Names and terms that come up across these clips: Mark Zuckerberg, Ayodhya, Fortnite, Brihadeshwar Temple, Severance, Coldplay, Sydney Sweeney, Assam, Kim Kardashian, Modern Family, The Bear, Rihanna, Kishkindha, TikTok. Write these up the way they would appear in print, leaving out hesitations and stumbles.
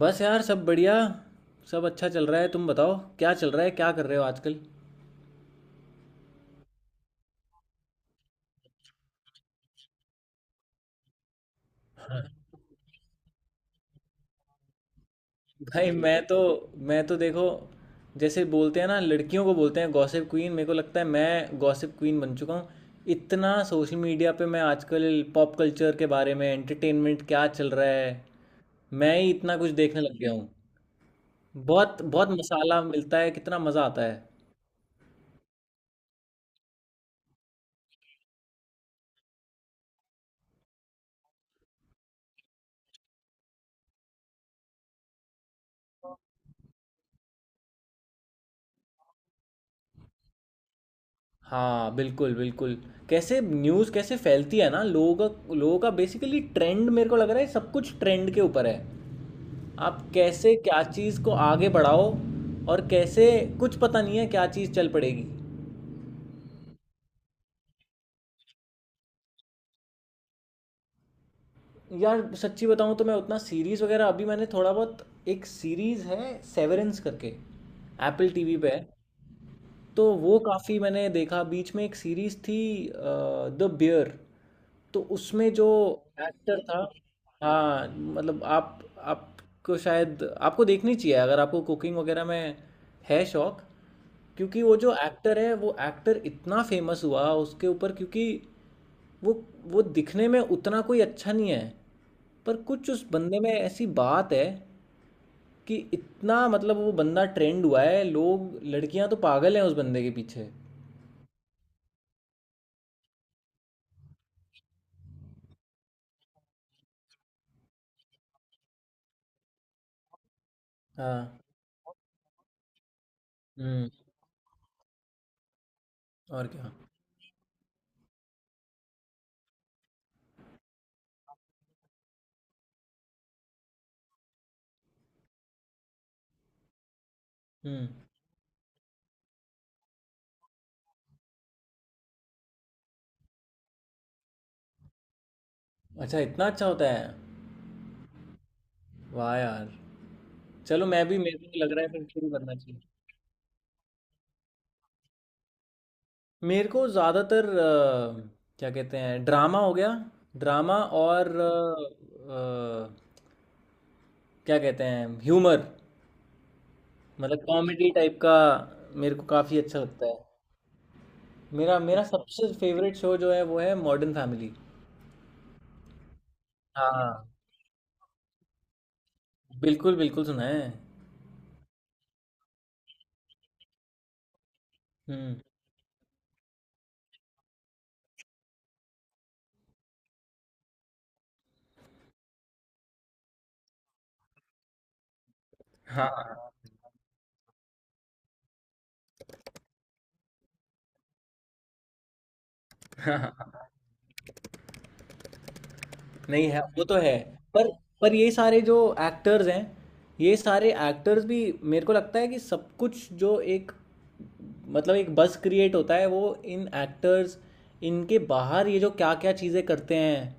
बस यार, सब बढ़िया। सब अच्छा चल रहा है। तुम बताओ, क्या चल रहा है, क्या कर रहे हो आजकल? भाई, मैं तो देखो। जैसे बोलते हैं ना, लड़कियों को बोलते हैं गॉसिप क्वीन। मेरे को लगता है मैं गॉसिप क्वीन बन चुका हूँ। इतना सोशल मीडिया पे मैं आजकल, पॉप कल्चर के बारे में, एंटरटेनमेंट क्या चल रहा है, मैं ही इतना कुछ देखने लग गया हूँ। बहुत बहुत मसाला मिलता है, कितना मज़ा आता है। हाँ, बिल्कुल, बिल्कुल। कैसे न्यूज़, कैसे फैलती है ना, लोगों का बेसिकली ट्रेंड। मेरे को लग रहा है सब कुछ ट्रेंड के ऊपर है। आप कैसे क्या चीज़ को आगे बढ़ाओ, और कैसे, कुछ पता नहीं है क्या चीज़ चल पड़ेगी। यार सच्ची बताऊँ तो मैं उतना सीरीज़ वगैरह, अभी मैंने थोड़ा बहुत, एक सीरीज़ है सेवरेंस करके। एप्पल टीवी पे है। तो वो काफ़ी मैंने देखा। बीच में एक सीरीज़ थी, द बियर। तो उसमें जो एक्टर था। हाँ मतलब, आप आपको शायद आपको देखनी चाहिए अगर आपको कुकिंग वगैरह में है शौक। क्योंकि वो जो एक्टर है, वो एक्टर इतना फेमस हुआ उसके ऊपर, क्योंकि वो वो दिखने में उतना कोई अच्छा नहीं है। पर कुछ उस बंदे में ऐसी बात है कि इतना, मतलब वो बंदा ट्रेंड हुआ है। लोग, लड़कियां तो पागल हैं उस बंदे के पीछे। हाँ। हम्म। और क्या। हम्म। अच्छा, इतना अच्छा होता है? वाह यार। चलो, मैं भी, मेरे को भी लग रहा है फिर शुरू करना चाहिए। मेरे को ज़्यादातर क्या कहते हैं, ड्रामा हो गया, ड्रामा। और क्या कहते हैं, ह्यूमर। मतलब कॉमेडी टाइप का मेरे को काफ़ी अच्छा लगता है। मेरा मेरा सबसे फेवरेट शो जो है वो है मॉडर्न फैमिली। हाँ, बिल्कुल, बिल्कुल सुना है। हुँ। हाँ, हाँ, हाँ। नहीं है, वो तो है। पर पर ये सारे जो एक्टर्स हैं, ये सारे एक्टर्स भी मेरे को लगता है कि सब कुछ, जो एक, मतलब एक बज़ क्रिएट होता है, वो इन एक्टर्स, इनके बाहर ये जो क्या-क्या चीज़ें करते हैं,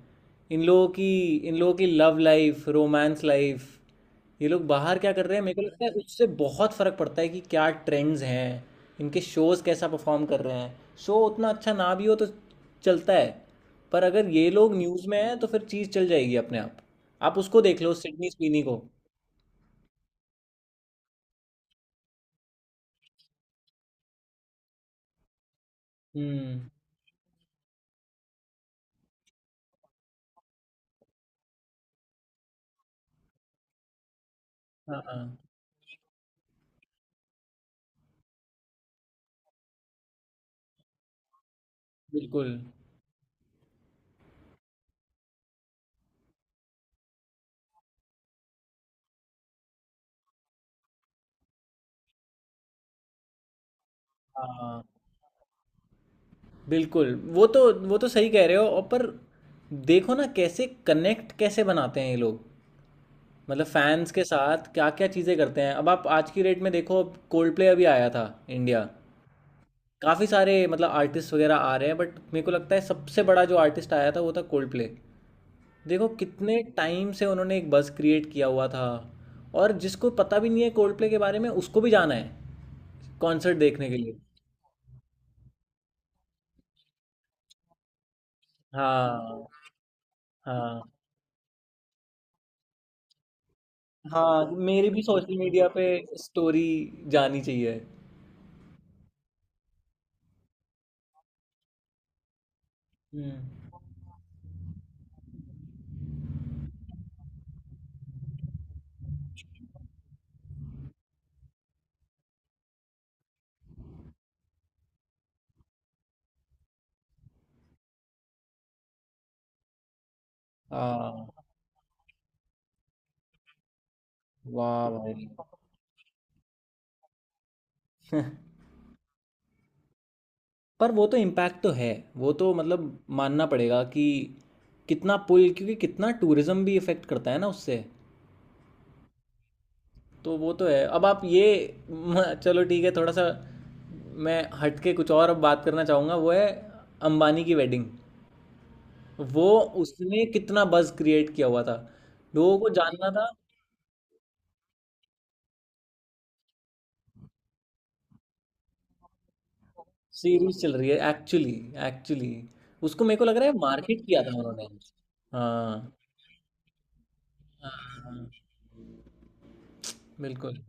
इन लोगों की इन लोगों की लव लाइफ़, रोमांस लाइफ़, ये लोग बाहर क्या कर रहे हैं, मेरे को लगता है उससे बहुत फ़र्क पड़ता है कि क्या ट्रेंड्स हैं, इनके शोज़ कैसा परफॉर्म कर रहे हैं। शो उतना अच्छा ना भी हो तो चलता है, पर अगर ये लोग न्यूज़ में हैं तो फिर चीज़ चल जाएगी अपने आप। आप उसको देख लो, सिडनी स्वीनी को। हम्म। हाँ, हाँ, बिल्कुल। हाँ बिल्कुल, वो तो सही कह रहे हो। और पर देखो ना, कैसे कनेक्ट कैसे बनाते हैं ये लोग, मतलब फैंस के साथ क्या क्या चीज़ें करते हैं। अब आप आज की डेट में देखो, अब कोल्ड प्ले अभी आया था इंडिया। काफ़ी सारे मतलब आर्टिस्ट वगैरह आ रहे हैं, बट मेरे को लगता है सबसे बड़ा जो आर्टिस्ट आया था वो था कोल्ड प्ले। देखो कितने टाइम से उन्होंने एक बuzz क्रिएट किया हुआ था। और जिसको पता भी नहीं है कोल्ड प्ले के बारे में, उसको भी जाना है कॉन्सर्ट देखने के लिए। हाँ, हाँ, हाँ, मेरी भी सोशल मीडिया पे स्टोरी जानी चाहिए। हम्म। हाँ। वाह भाई। पर वो तो इम्पैक्ट तो है। वो तो मतलब मानना पड़ेगा कि कितना पुल, क्योंकि कितना टूरिज्म भी इफ़ेक्ट करता है ना उससे। तो वो तो है। अब आप ये, चलो ठीक है, थोड़ा सा मैं हट के कुछ और अब बात करना चाहूँगा, वो है अंबानी की वेडिंग। वो, उसने कितना बज़ क्रिएट किया हुआ था। लोगों को जानना था। सीरीज चल रही है एक्चुअली एक्चुअली। उसको मेरे को लग रहा है मार्केट किया था उन्होंने। हाँ, हाँ, बिल्कुल।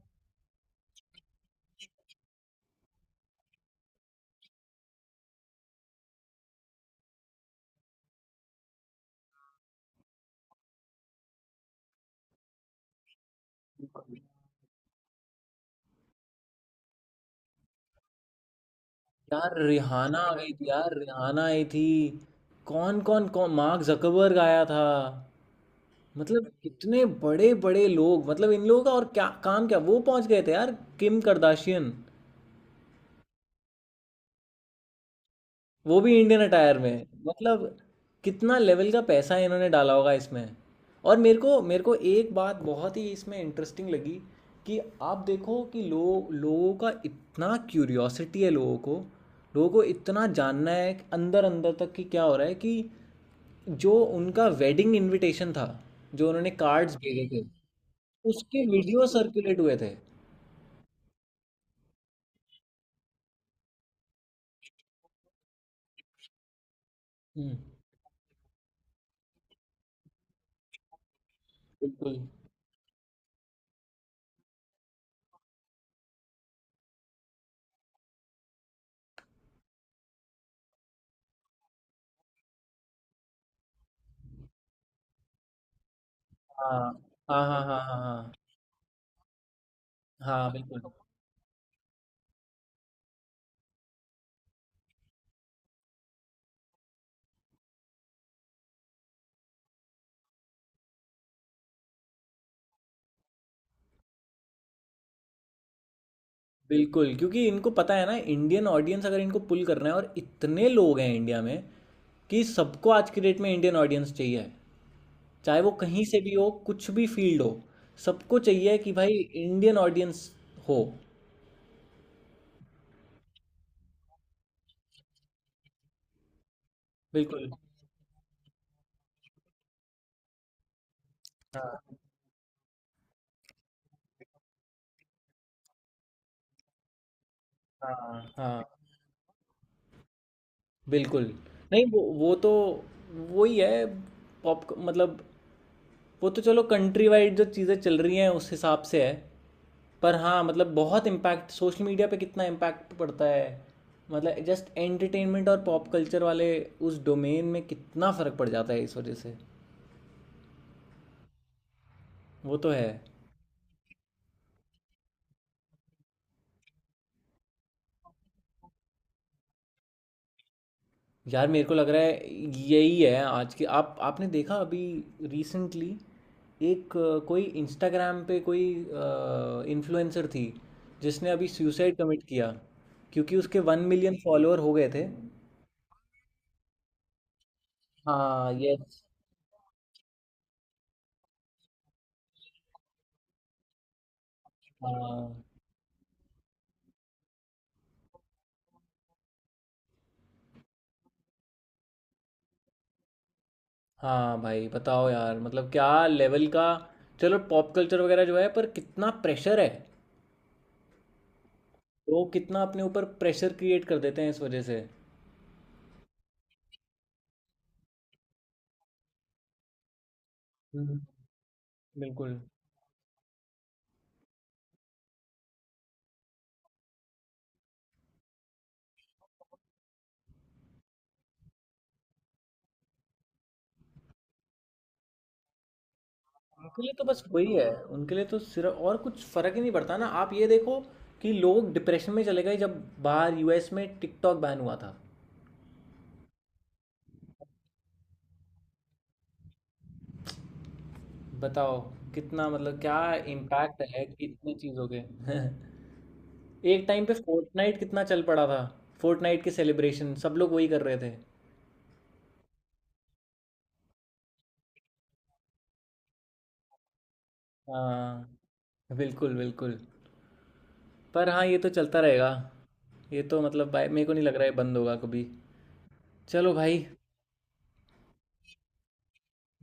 यार रिहाना आ गई थी, यार रिहाना आई थी। कौन कौन, कौन मार्क जकरबर्ग आया था। मतलब कितने बड़े बड़े लोग, मतलब इन लोगों का और क्या काम, क्या वो पहुंच गए थे यार। किम करदाशियन, वो भी इंडियन अटायर में, मतलब कितना लेवल का पैसा इन्होंने डाला होगा इसमें। और मेरे को एक बात बहुत ही इसमें इंटरेस्टिंग लगी, कि आप देखो कि लोग, लोगों का इतना क्यूरियोसिटी है, लोगों को इतना जानना है कि अंदर अंदर तक कि क्या हो रहा है, कि जो उनका वेडिंग इनविटेशन था, जो उन्होंने कार्ड्स भेजे थे, उसके वीडियो सर्कुलेट हुए थे। हम्म। बिल्कुल। हाँ, हाँ, हाँ, हाँ, हाँ, हाँ, हाँ, बिल्कुल, बिल्कुल। क्योंकि इनको पता है ना इंडियन ऑडियंस, अगर इनको पुल करना है, और इतने लोग हैं इंडिया में कि सबको आज की डेट में इंडियन ऑडियंस चाहिए है, चाहे वो कहीं से भी हो, कुछ भी फील्ड हो, सबको चाहिए कि भाई इंडियन ऑडियंस हो। बिल्कुल। हाँ, हाँ, हाँ, बिल्कुल। नहीं, वो तो वही है, पॉप मतलब, वो तो चलो कंट्री वाइड जो चीज़ें चल रही हैं उस हिसाब से है। पर हाँ, मतलब बहुत इम्पैक्ट, सोशल मीडिया पे कितना इम्पैक्ट पड़ता है, मतलब जस्ट एंटरटेनमेंट और पॉप कल्चर वाले उस डोमेन में कितना फ़र्क पड़ जाता है इस वजह से। वो तो है। यार मेरे को लग रहा है यही है आज के। आप आपने देखा अभी रिसेंटली, एक कोई इंस्टाग्राम पे, कोई इन्फ्लुएंसर थी जिसने अभी सुसाइड कमिट किया, क्योंकि उसके 1 million फॉलोअर हो गए थे। हाँ, यस। हाँ, हाँ भाई, बताओ यार, मतलब क्या लेवल का। चलो पॉप कल्चर वगैरह जो है, पर कितना प्रेशर है, लोग कितना अपने ऊपर प्रेशर क्रिएट कर देते हैं इस वजह से। हम्म। बिल्कुल। उनके लिए तो बस वही है, उनके लिए तो सिर्फ, और कुछ फर्क ही नहीं पड़ता ना। आप ये देखो कि लोग डिप्रेशन में चले गए जब बाहर यूएस में टिकटॉक बैन हुआ था। बताओ कितना, मतलब क्या इम्पैक्ट है कि इतनी चीज़ों के, एक टाइम पे फोर्टनाइट कितना चल पड़ा था। फोर्टनाइट के सेलिब्रेशन सब लोग वही कर रहे थे। हाँ, बिल्कुल, बिल्कुल। पर हाँ, ये तो चलता रहेगा। ये तो मतलब भाई, मेरे को नहीं लग रहा है बंद होगा कभी। चलो भाई।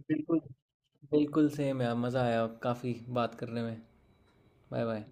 बिल्कुल, बिल्कुल सेम यार, मज़ा आया काफ़ी बात करने में। Bye bye.